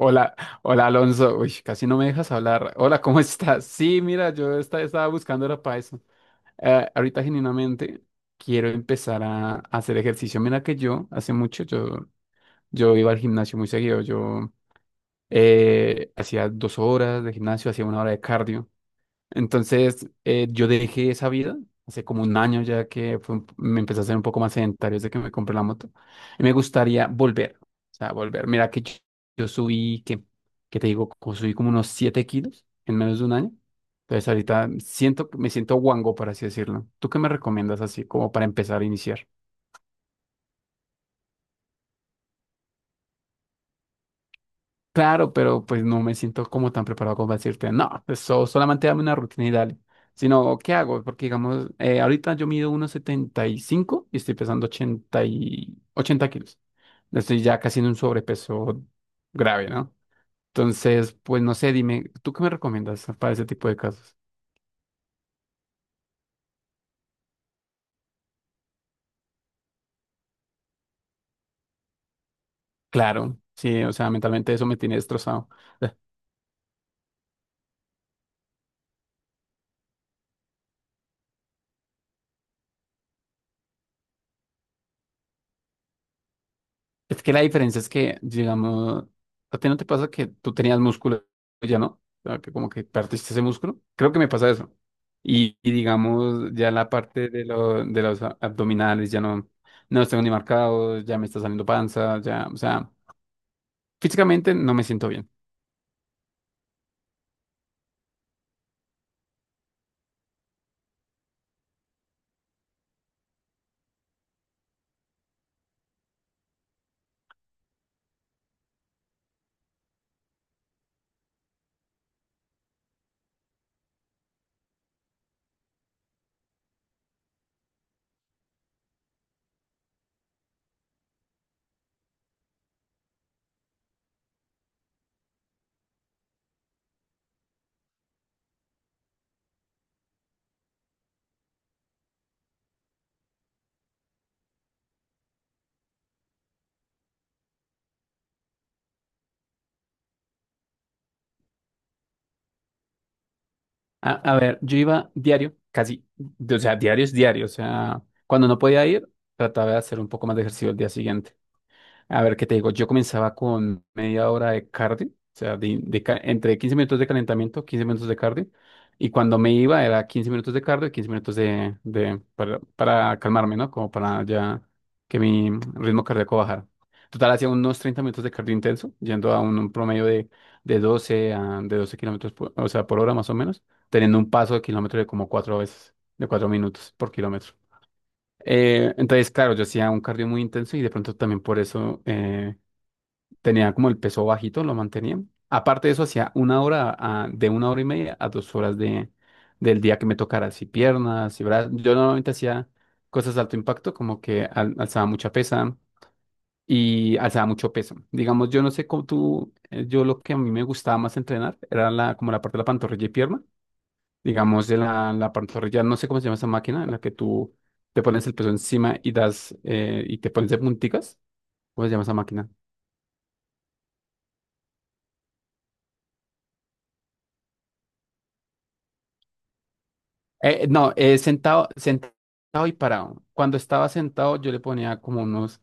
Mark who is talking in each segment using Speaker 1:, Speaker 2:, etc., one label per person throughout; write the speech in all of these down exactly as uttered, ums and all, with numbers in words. Speaker 1: Hola, hola Alonso. Uy, casi no me dejas hablar. Hola, ¿cómo estás? Sí, mira, yo esta- estaba buscando era para eso. Eh, ahorita genuinamente quiero empezar a, a hacer ejercicio. Mira que yo hace mucho yo, yo iba al gimnasio muy seguido. Yo eh, hacía dos horas de gimnasio, hacía una hora de cardio. Entonces, eh, yo dejé esa vida hace como un año ya que fue un- me empecé a ser un poco más sedentario desde que me compré la moto. Y me gustaría volver, o sea, volver. Mira que yo, yo subí, que, que te digo, como subí como unos siete kilos en menos de un año. Entonces, ahorita siento, me siento guango, por así decirlo. ¿Tú qué me recomiendas así como para empezar a iniciar? Claro, pero pues no me siento como tan preparado como para decirte, no, eso solamente dame una rutina y dale. Sino, ¿qué hago? Porque digamos, eh, ahorita yo mido uno setenta y cinco y estoy pesando ochenta y ochenta kilos. Estoy ya casi en un sobrepeso grave, ¿no? Entonces, pues no sé, dime, ¿tú qué me recomiendas para ese tipo de casos? Claro, sí, o sea, mentalmente eso me tiene destrozado. Es que la diferencia es que, digamos, ¿a ti no te pasa que tú tenías músculo y ya no? O sea, que como que perdiste ese músculo. Creo que me pasa eso. Y, y digamos, ya la parte de, lo- de los a- abdominales ya no, no los tengo ni marcados, ya me está saliendo panza, ya, o sea, físicamente no me siento bien. A, a ver, yo iba diario, casi, o sea, diario es diario, o sea, cuando no podía ir, trataba de hacer un poco más de ejercicio el día siguiente. A ver, ¿qué te digo? Yo comenzaba con media hora de cardio, o sea, de, de ca- entre quince minutos de calentamiento, quince minutos de cardio, y cuando me iba era quince minutos de cardio y quince minutos de, de para, para calmarme, ¿no? Como para ya que mi ritmo cardíaco bajara. Total, hacía unos treinta minutos de cardio intenso, yendo a un, un promedio de, de doce a, de doce kilómetros por, o sea, por hora más o menos, teniendo un paso de kilómetro de como cuatro veces, de cuatro minutos por kilómetro. Eh, entonces, claro, yo hacía un cardio muy intenso y de pronto también por eso eh, tenía como el peso bajito, lo mantenía. Aparte de eso, hacía una hora, a- de una hora y media a dos horas de, del día que me tocara, así piernas, y brazos. Yo normalmente hacía cosas de alto impacto, como que al- alzaba mucha pesa y alzaba mucho peso. Digamos, yo no sé cómo tú, eh, yo lo que a mí me gustaba más entrenar era la, como la parte de la pantorrilla y pierna. Digamos, de la, la pantorrilla, no sé cómo se llama esa máquina en la que tú te pones el peso encima y das, eh, y te pones de punticas. ¿Cómo se llama esa máquina? Eh, no, eh, sentado, sentado y parado. Cuando estaba sentado, yo le ponía como unos,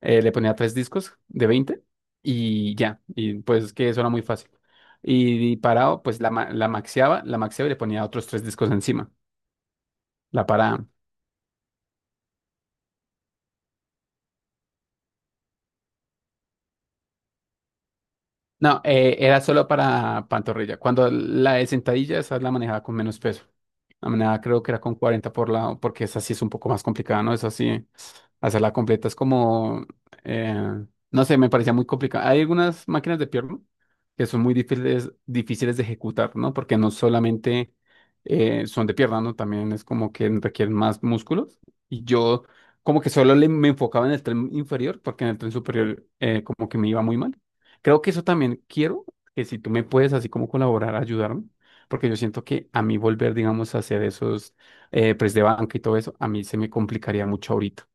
Speaker 1: eh, le ponía tres discos de veinte y ya. Y pues es que eso era muy fácil. Y, parado, pues la, ma- la maxeaba, la maxeaba y le ponía otros tres discos encima. La parada. No, eh, era solo para pantorrilla. Cuando la de sentadilla, esa la manejaba con menos peso. La manejaba creo que era con cuarenta por lado, porque esa sí es un poco más complicada, ¿no? Esa sí, hacerla completa es como, eh, no sé, me parecía muy complicada. Hay algunas máquinas de pierna que son muy difíciles, difíciles de ejecutar, ¿no? Porque no solamente eh, son de pierna, ¿no? También es como que requieren más músculos. Y yo como que solo le- me enfocaba en el tren inferior, porque en el tren superior eh, como que me iba muy mal. Creo que eso también quiero, que si tú me puedes así como colaborar, ayudarme, porque yo siento que a mí volver, digamos, a hacer esos eh, press de banca y todo eso, a mí se me complicaría mucho ahorita.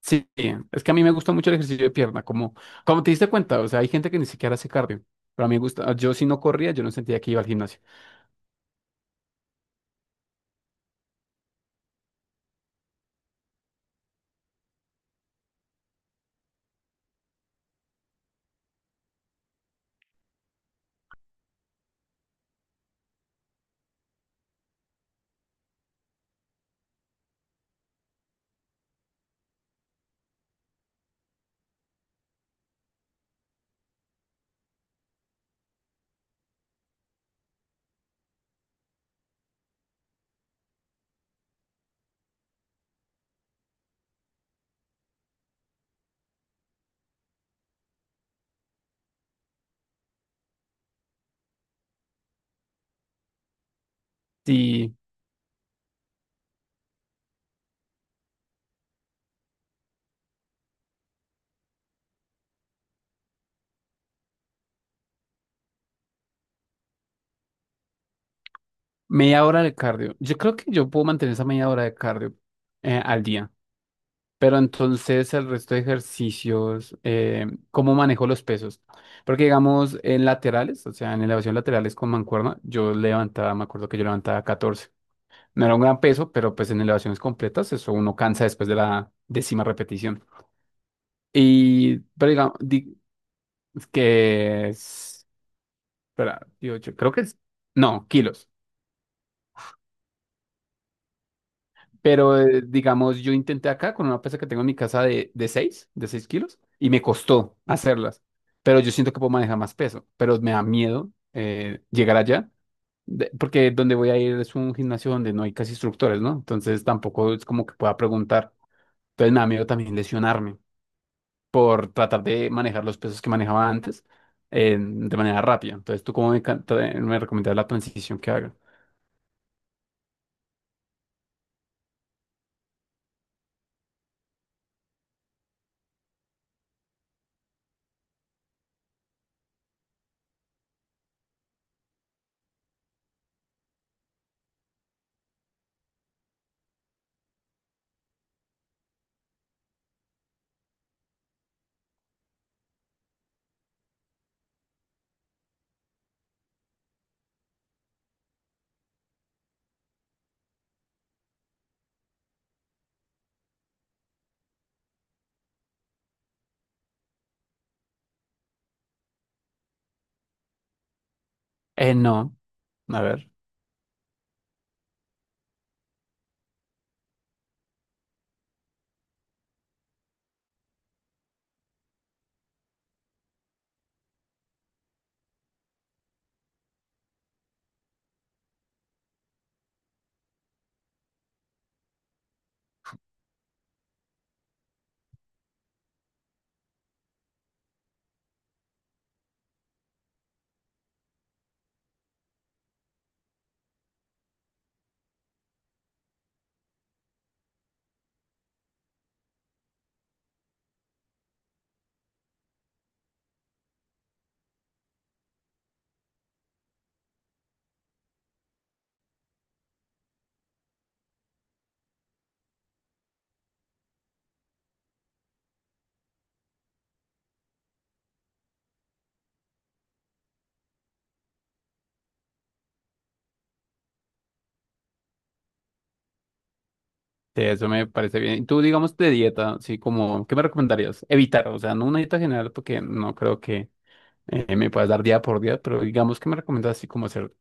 Speaker 1: Sí, es que a mí me gusta mucho el ejercicio de pierna, como, como te diste cuenta, o sea, hay gente que ni siquiera hace cardio, pero a mí me gusta, yo si no corría, yo no sentía que iba al gimnasio. Sí, media hora de cardio, yo creo que yo puedo mantener esa media hora de cardio eh, al día. Pero entonces el resto de ejercicios, eh, ¿cómo manejo los pesos? Porque digamos en laterales, o sea, en elevación laterales con mancuerna, yo levantaba, me acuerdo que yo levantaba catorce. No era un gran peso, pero pues en elevaciones completas eso uno cansa después de la décima repetición. Y, pero digamos, di- que es, espera, dieciocho creo que es, no, kilos. Pero eh, digamos, yo intenté acá con una pesa que tengo en mi casa de, de seis de seis kilos, y me costó hacerlas. Pero yo siento que puedo manejar más peso, pero me da miedo eh, llegar allá, de- porque donde voy a ir es un gimnasio donde no hay casi instructores, ¿no? Entonces tampoco es como que pueda preguntar. Entonces me da miedo también lesionarme por tratar de manejar los pesos que manejaba antes eh, de manera rápida. Entonces, ¿tú cómo me, can- tra- me recomiendas la transición que haga? Eh, no, a ver. Sí, eso me parece bien. Y tú, digamos, de dieta, sí, como, ¿qué me recomendarías? Evitar, o sea, no una dieta general, porque no creo que eh, me puedas dar día por día, pero digamos, ¿qué me recomiendas así como hacer?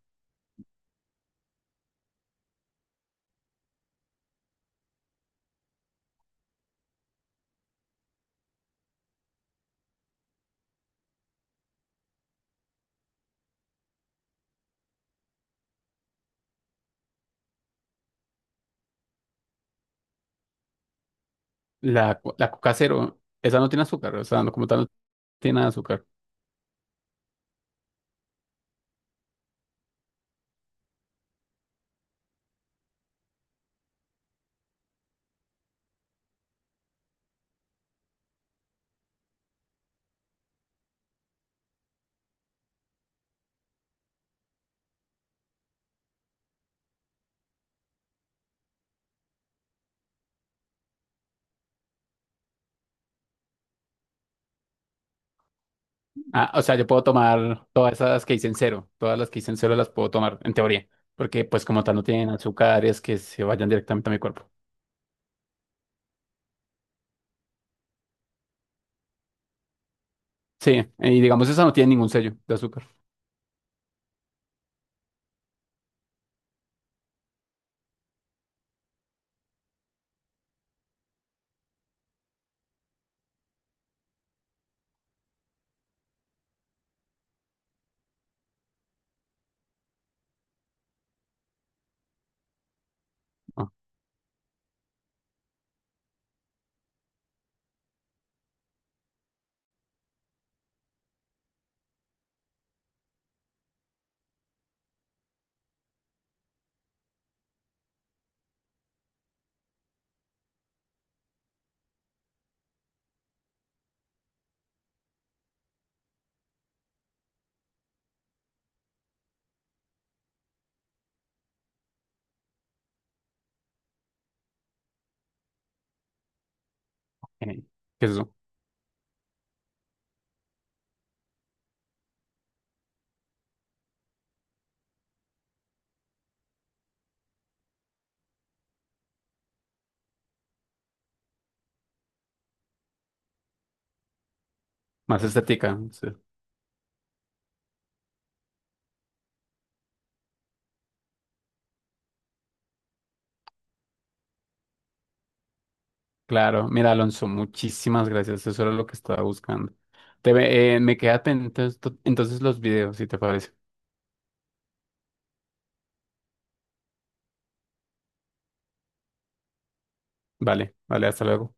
Speaker 1: La, co- la coca cero, esa no tiene azúcar, o sea, no, como tal, no tiene azúcar. Ah, o sea, yo puedo tomar todas esas que dicen cero, todas las que dicen cero las puedo tomar, en teoría, porque pues como tal no tienen azúcares que se vayan directamente a mi cuerpo. Sí, y digamos esa no tiene ningún sello de azúcar. Ah, eh, ¿qué es eso? Más estética. Sí. Claro, mira Alonso, muchísimas gracias, eso era lo que estaba buscando. Te, ve- eh, me queda pendiente esto- entonces los videos, si te parece. Vale, vale, hasta luego.